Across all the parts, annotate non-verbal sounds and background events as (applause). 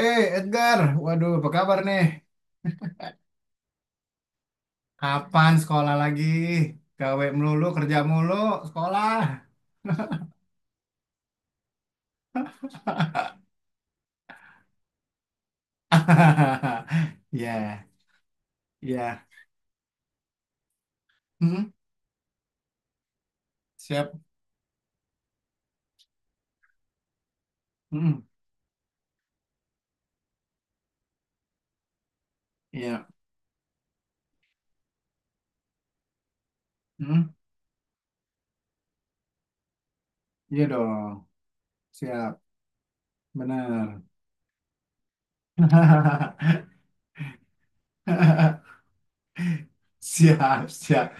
Edgar, waduh, apa kabar nih? Kapan sekolah lagi? Gawe melulu, kerja mulu, sekolah. (laughs) Ya, ya. Hmm, siap. Hmm, iya. Hmm, iya dong. Siap, benar. (laughs) Siap, siap.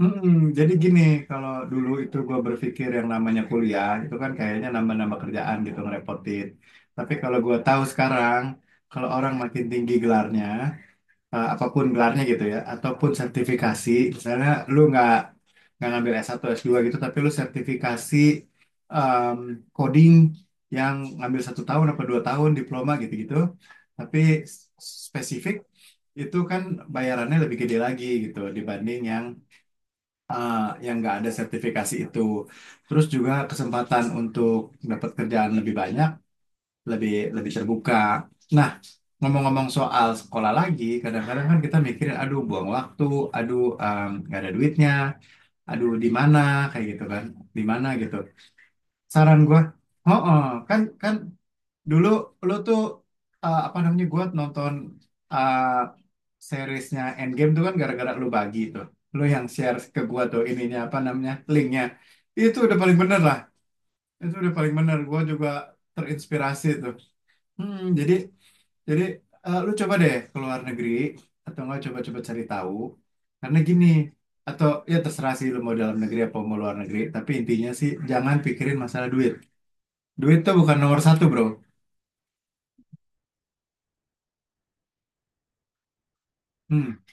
Mm-mm, jadi gini, kalau dulu itu gue berpikir yang namanya kuliah itu kan kayaknya nambah-nambah kerjaan gitu ngerepotin. Tapi kalau gue tahu sekarang, kalau orang makin tinggi gelarnya, apapun gelarnya gitu ya ataupun sertifikasi misalnya lu nggak ngambil S1 S2 gitu tapi lu sertifikasi em, coding yang ngambil satu tahun apa 2 tahun diploma gitu-gitu tapi s- spesifik itu kan bayarannya lebih gede lagi gitu dibanding eh, yang nggak ada sertifikasi itu, terus juga kesempatan untuk dapat kerjaan lebih banyak, lebih lebih terbuka. Nah, ngomong-ngomong soal sekolah lagi, kadang-kadang kan kita mikirin, aduh buang waktu, aduh, nggak ada duitnya, aduh di mana kayak gitu kan, di mana gitu. Saran gua, oh, oh, kan kan dulu lu tuh, apa namanya, gua nonton eh, seriesnya Endgame tuh kan gara-gara lu bagi tuh, lu yang share ke gua tuh ininya, apa namanya, linknya, itu udah paling bener lah, itu udah paling bener. Gua juga terinspirasi tuh. Hmm, jadi lu coba deh ke luar negeri atau enggak coba-coba cari tahu. Karena gini, atau ya terserah sih lu mau dalam negeri apa mau luar negeri, tapi intinya sih jangan pikirin masalah duit. Duit tuh bukan nomor satu, bro. Hmm.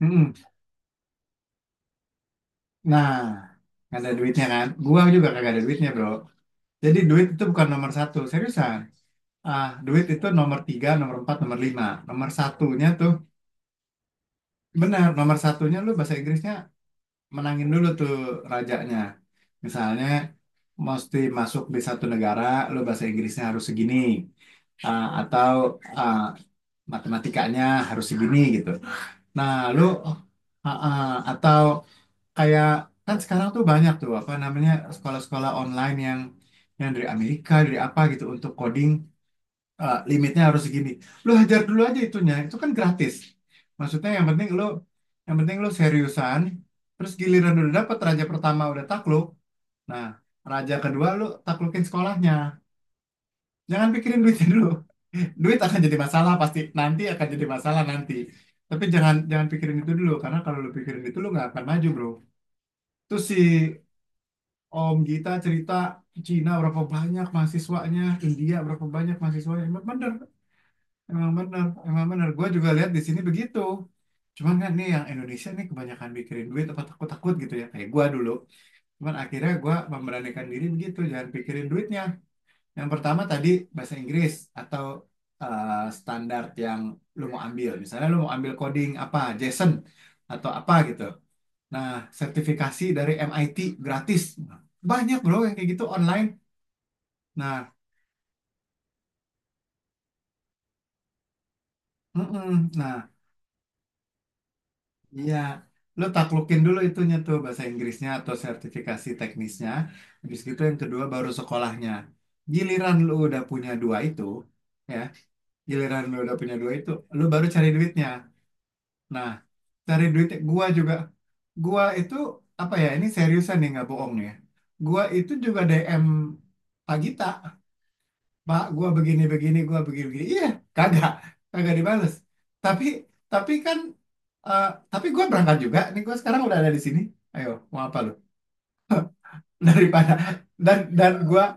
Hmm. Nah, nggak ada duitnya kan? Gua juga kagak ada duitnya, bro. Jadi duit itu bukan nomor satu, seriusan. Ah, duit itu nomor tiga, nomor empat, nomor lima. Nomor satunya tuh, benar, nomor satunya lu bahasa Inggrisnya, menangin dulu tuh rajanya. Misalnya mesti masuk di satu negara, lo bahasa Inggrisnya harus segini, atau ah, matematikanya harus segini gitu. Nah, lo ah, ah, atau kayak, kan sekarang tuh banyak tuh apa namanya sekolah-sekolah online yang dari Amerika, dari apa gitu untuk coding, limitnya harus segini. Lu hajar dulu aja itunya, itu kan gratis. Maksudnya yang penting lu seriusan, terus giliran udah dapet raja pertama udah takluk. Nah, raja kedua lu taklukin sekolahnya. Jangan pikirin duitnya dulu. (laughs) Duit akan jadi masalah pasti, nanti akan jadi masalah nanti. Tapi jangan jangan pikirin itu dulu karena kalau lu pikirin itu lu nggak akan maju, bro. Terus si Om Gita cerita Cina berapa banyak mahasiswanya, India berapa banyak mahasiswanya. Emang bener. Emang benar, gue juga lihat di sini begitu. Cuman kan nih yang Indonesia nih kebanyakan pikirin duit apa takut-takut gitu ya. Kayak gue dulu. Cuman akhirnya gue memberanikan diri begitu. Jangan pikirin duitnya. Yang pertama tadi bahasa Inggris atau eh, standar yang lu mau ambil. Misalnya lu mau ambil coding apa, JSON atau apa gitu. Nah, sertifikasi dari MIT gratis. Banyak bro yang kayak gitu online. Nah, mm-mm. Nah, iya, lu taklukin dulu itunya tuh bahasa Inggrisnya atau sertifikasi teknisnya. Habis gitu yang kedua baru sekolahnya. Giliran lu udah punya dua itu, ya, giliran lu udah punya dua itu, lu baru cari duitnya. Nah, cari duit gua juga. Gua itu apa ya? Ini seriusan nih nggak bohong nih ya. Gua itu juga DM Pak Gita. Pak, gua begini-begini, gua begini-begini. Iya, kagak, kagak dibales. Tapi, tapi kan, eh, tapi gua berangkat juga. Nih gua sekarang udah ada di sini. Ayo, mau apa lu? (laughs) Daripada dan gua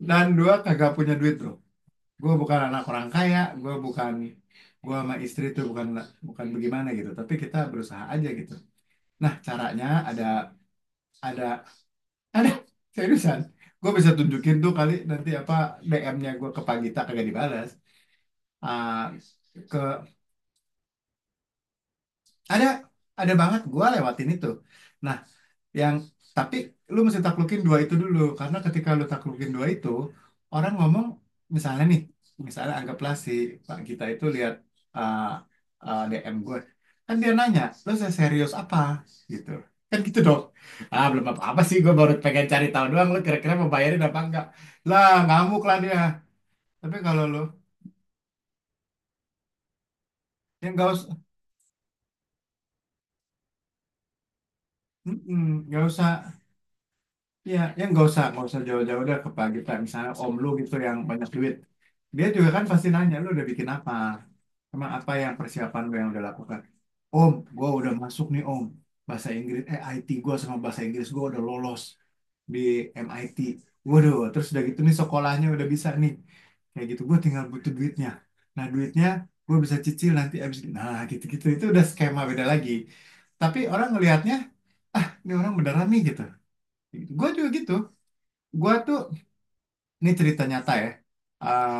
dan gua kagak punya duit, bro. Gua bukan anak orang kaya. Gua sama istri tuh bukan bukan bagaimana gitu. Tapi kita berusaha aja gitu. Nah, caranya ada, ada, seriusan. Gua bisa tunjukin tuh kali nanti, apa, DM-nya gua ke Pak Gita kagak dibalas. Ah, ke Ada, ada banget gua lewatin itu. Nah, yang tapi lu mesti taklukin dua itu dulu karena ketika lu taklukin dua itu, orang ngomong misalnya nih, misalnya anggaplah si Pak Gita itu lihat uh, DM gue. Kan dia nanya, "Lu serius apa?" gitu. Kan gitu dong. Ah, belum apa-apa sih gue baru pengen cari tahu doang lu kira-kira mau bayarin apa enggak. Lah, ngamuk lah dia. Tapi kalau lu ya nggak usah. Mm-mm, nggak usah. Iya, ya, yang nggak usah, jauh-jauh deh ke pagi Pak. Misalnya om lu gitu yang banyak duit. Dia juga kan pasti nanya, lu udah bikin apa? Emang apa yang persiapan lu yang udah lakukan? Om, gua udah masuk nih, om. Bahasa Inggris, eh IT gua sama bahasa Inggris gua udah lolos di MIT. Waduh, terus udah gitu nih sekolahnya udah bisa nih. Kayak gitu, gua tinggal butuh duitnya. Nah, duitnya gua bisa cicil nanti abis. Nah gitu-gitu, itu udah skema beda lagi. Tapi orang ngelihatnya, ini orang beneran nih gitu. Gue juga gitu. Gue tuh Ini cerita nyata ya. Eh,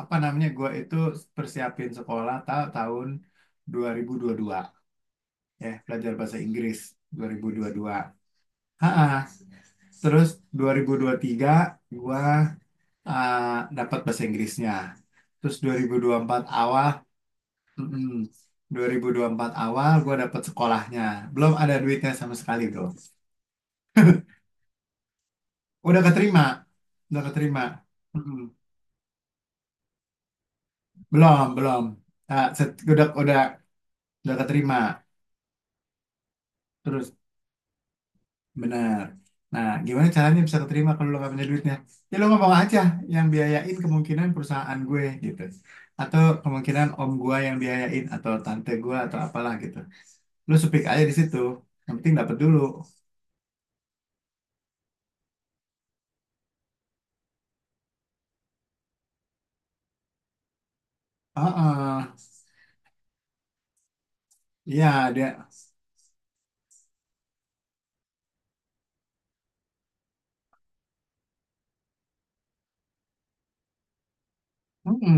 apa namanya? Gue itu persiapin sekolah tahun 2022, ya belajar bahasa Inggris 2022. Ha-ha. Terus 2023 gue dapat bahasa Inggrisnya. Terus 2024 awal, mm-mm, 2024 awal gue dapat sekolahnya. Belum ada duitnya sama sekali, bro. Udah keterima, udah keterima. Mm-mm. Belum, belum. Ah, udah, udah keterima. Terus benar. Nah, gimana caranya bisa keterima kalau lo gak punya duitnya? Ya, ya, lo ngomong aja yang biayain kemungkinan perusahaan gue gitu. Atau kemungkinan om gue yang biayain atau tante gue atau apalah gitu. Lo speak aja di situ. Yang penting dapet dulu. Oh, iya, dia. Mm-mm.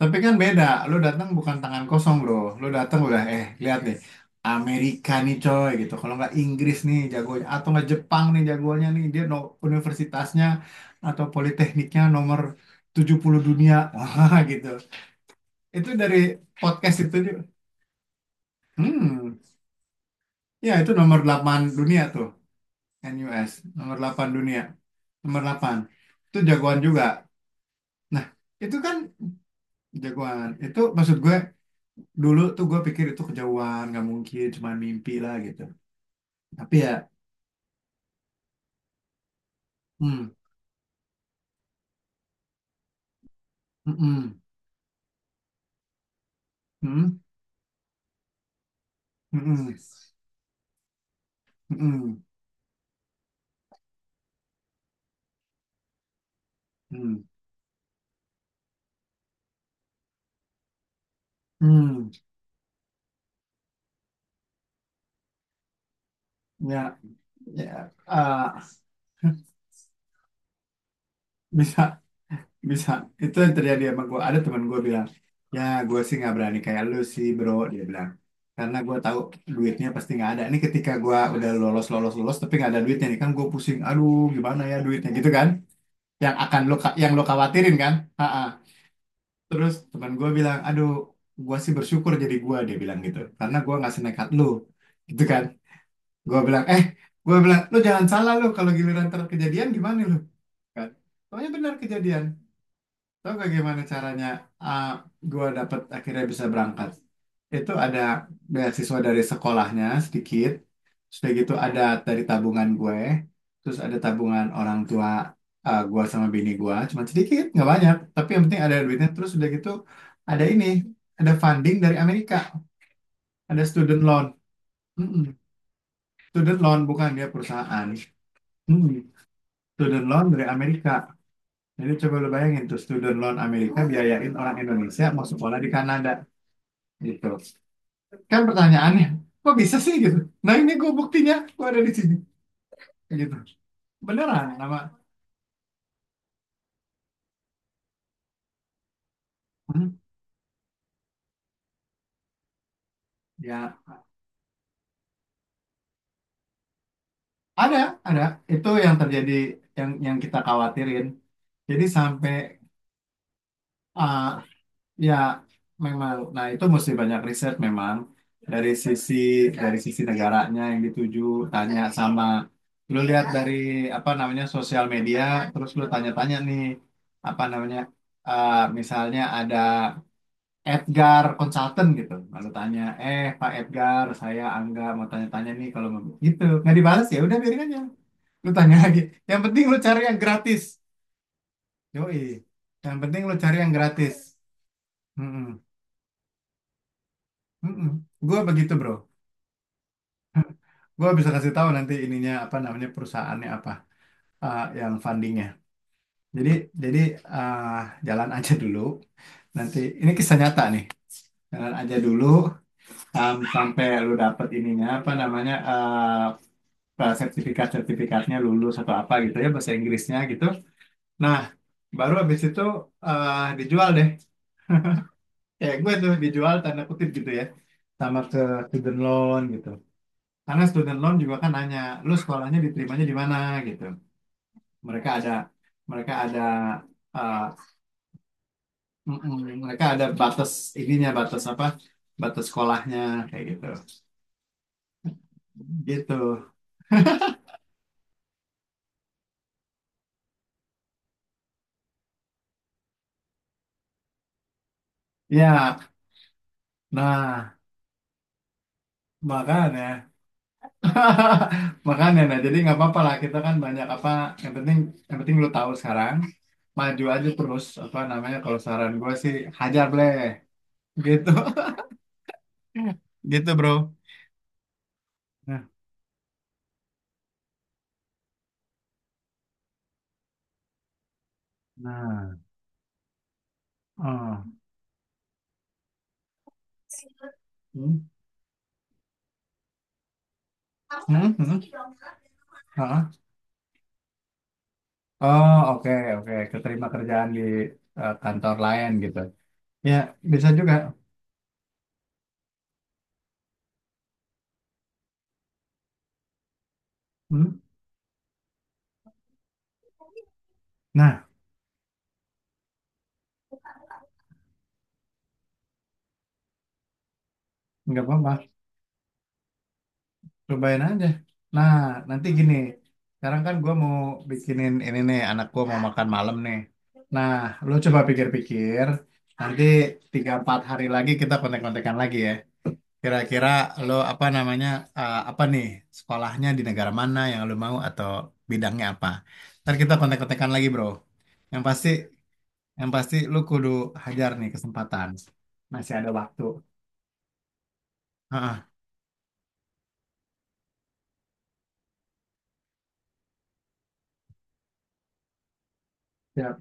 Tapi kan beda, lu datang bukan tangan kosong, bro. Lu datang udah, lihat deh, Amerika nih, coy, gitu, kalau nggak Inggris nih jagonya, atau nggak Jepang nih jagonya nih, dia no, universitasnya atau politekniknya nomor 70 dunia, (laughs) wah gitu. Itu dari podcast itu, dia, hmm, ya itu nomor 8 dunia tuh, NUS, nomor 8 dunia, nomor 8. Itu jagoan juga. Nah, itu kan jagoan, itu maksud gue dulu tuh gue pikir itu kejauhan nggak mungkin cuma mimpi lah gitu, tapi ya. Hmm. Hmm. Hmm. Hmm. Hmm. Hmm. Hmm. Ya, ya. Ah, bisa, bisa, itu yang terjadi sama gue. Ada teman gue bilang, ya, gue sih nggak berani kayak lu sih, bro, dia bilang, karena gue tahu duitnya pasti nggak ada ini, ketika gue udah lolos lolos lolos tapi nggak ada duitnya nih kan gue pusing, aduh, gimana ya duitnya, gitu kan, yang akan yang lo khawatirin kan. Ha-ha. Terus teman gue bilang, aduh, gue sih bersyukur jadi gue, dia bilang gitu. Karena gue nggak senekat lu. Gitu kan. Gue bilang, eh, gue bilang, lu jangan salah lu kalau giliran terkejadian gimana lu? Kan. Soalnya benar kejadian. Tahu gak gimana caranya, ah, gue dapat akhirnya bisa berangkat? Itu ada beasiswa dari sekolahnya sedikit, sudah gitu ada dari tabungan gue, terus ada tabungan orang tua, gue sama bini gue, cuma sedikit nggak banyak, tapi yang penting ada duitnya. Terus sudah gitu ada ini, ada funding dari Amerika, ada student loan. Mm-mm. Student loan bukan dia perusahaan, mm student loan dari Amerika. Jadi coba lu bayangin tuh student loan Amerika biayain orang Indonesia mau sekolah di Kanada, gitu kan, pertanyaannya kok bisa sih gitu. Nah, ini gue buktinya, gue ada di sini gitu, beneran nama. Hmm, ya, ada ada itu yang terjadi, yang kita khawatirin, jadi sampai, ah, ya memang, nah, itu mesti banyak riset memang, dari sisi dari sisi negaranya yang dituju, tanya sama, lu lihat dari apa namanya sosial media, terus lu tanya-tanya nih, apa namanya, misalnya ada Edgar Consultant gitu. Lalu tanya, eh Pak Edgar, saya Angga mau tanya-tanya nih kalau mau gitu. Nggak dibalas ya, udah biarin aja. Lu tanya lagi. Yang penting lu cari yang gratis. Yoi. Yang penting lu cari yang gratis. Mm-mm. Mm-mm. Gua begitu, bro. Gua bisa kasih tahu nanti ininya, apa namanya perusahaannya apa, yang fundingnya. Jadi jadi eh, jalan aja dulu. Nanti ini kisah nyata nih. Jalan aja dulu sampai lu dapet ininya, apa namanya, sertifikat-sertifikatnya lulus atau apa gitu ya, bahasa Inggrisnya gitu. Nah, baru habis itu, dijual deh. Kayak gue tuh dijual tanda kutip gitu ya, sama ke student loan gitu. Karena student loan juga kan nanya, lu sekolahnya diterimanya di mana gitu. Mereka ada mereka ada, eh, mereka ada batas, ininya batas apa? Batas sekolahnya kayak gitu. Gitu. Ya, nah, makanya. (laughs) Makanya nah, jadi nggak apa-apa lah, kita kan banyak apa, yang penting, lu tahu sekarang, maju aja terus, apa namanya, kalau saran gue sih, hajar bleh gitu. (laughs) Gitu, bro. Nah. Nah. Oh. Hmm. Hmm, hmm. Hah? Oh, oke, oke keterima kerjaan di, kantor lain gitu, ya bisa juga. Hmm. Nah, nggak apa-apa. Cobain aja. Nah, nanti gini. Sekarang kan gue mau bikinin ini nih, anak gue mau makan malam nih. Nah, lo coba pikir-pikir. Nanti 3 4 hari lagi kita kontek-kontekan lagi ya. Kira-kira lo apa namanya, apa nih, sekolahnya di negara mana yang lo mau atau bidangnya apa. Ntar kita kontek-kontekan lagi, bro. Yang pasti, yang pasti lo kudu hajar nih kesempatan. Masih ada waktu. Heeh, siap,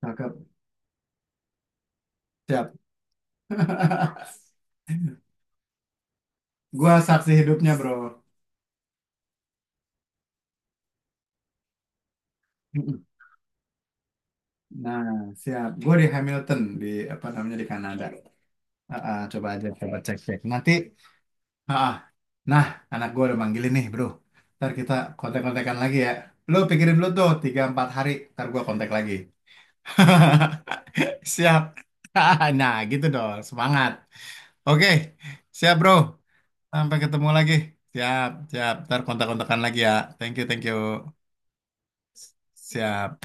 cakep, siap. (laughs) Gua saksi hidupnya, bro. Nah, siap. Gue di Hamilton, di apa namanya, di Kanada. Coba aja, coba cek, cek. Nanti. ah, ah. Nah, anak gue udah manggilin nih, bro. Ntar kita kontak-kontakan lagi ya. Lo pikirin dulu tuh 3 4 hari, ntar gue kontak lagi. (laughs) Siap. (laughs) Nah, gitu dong, semangat. Oke, siap bro. Sampai ketemu lagi. Siap, siap. Ntar kontak-kontakan lagi ya. Thank you, thank you. Siap.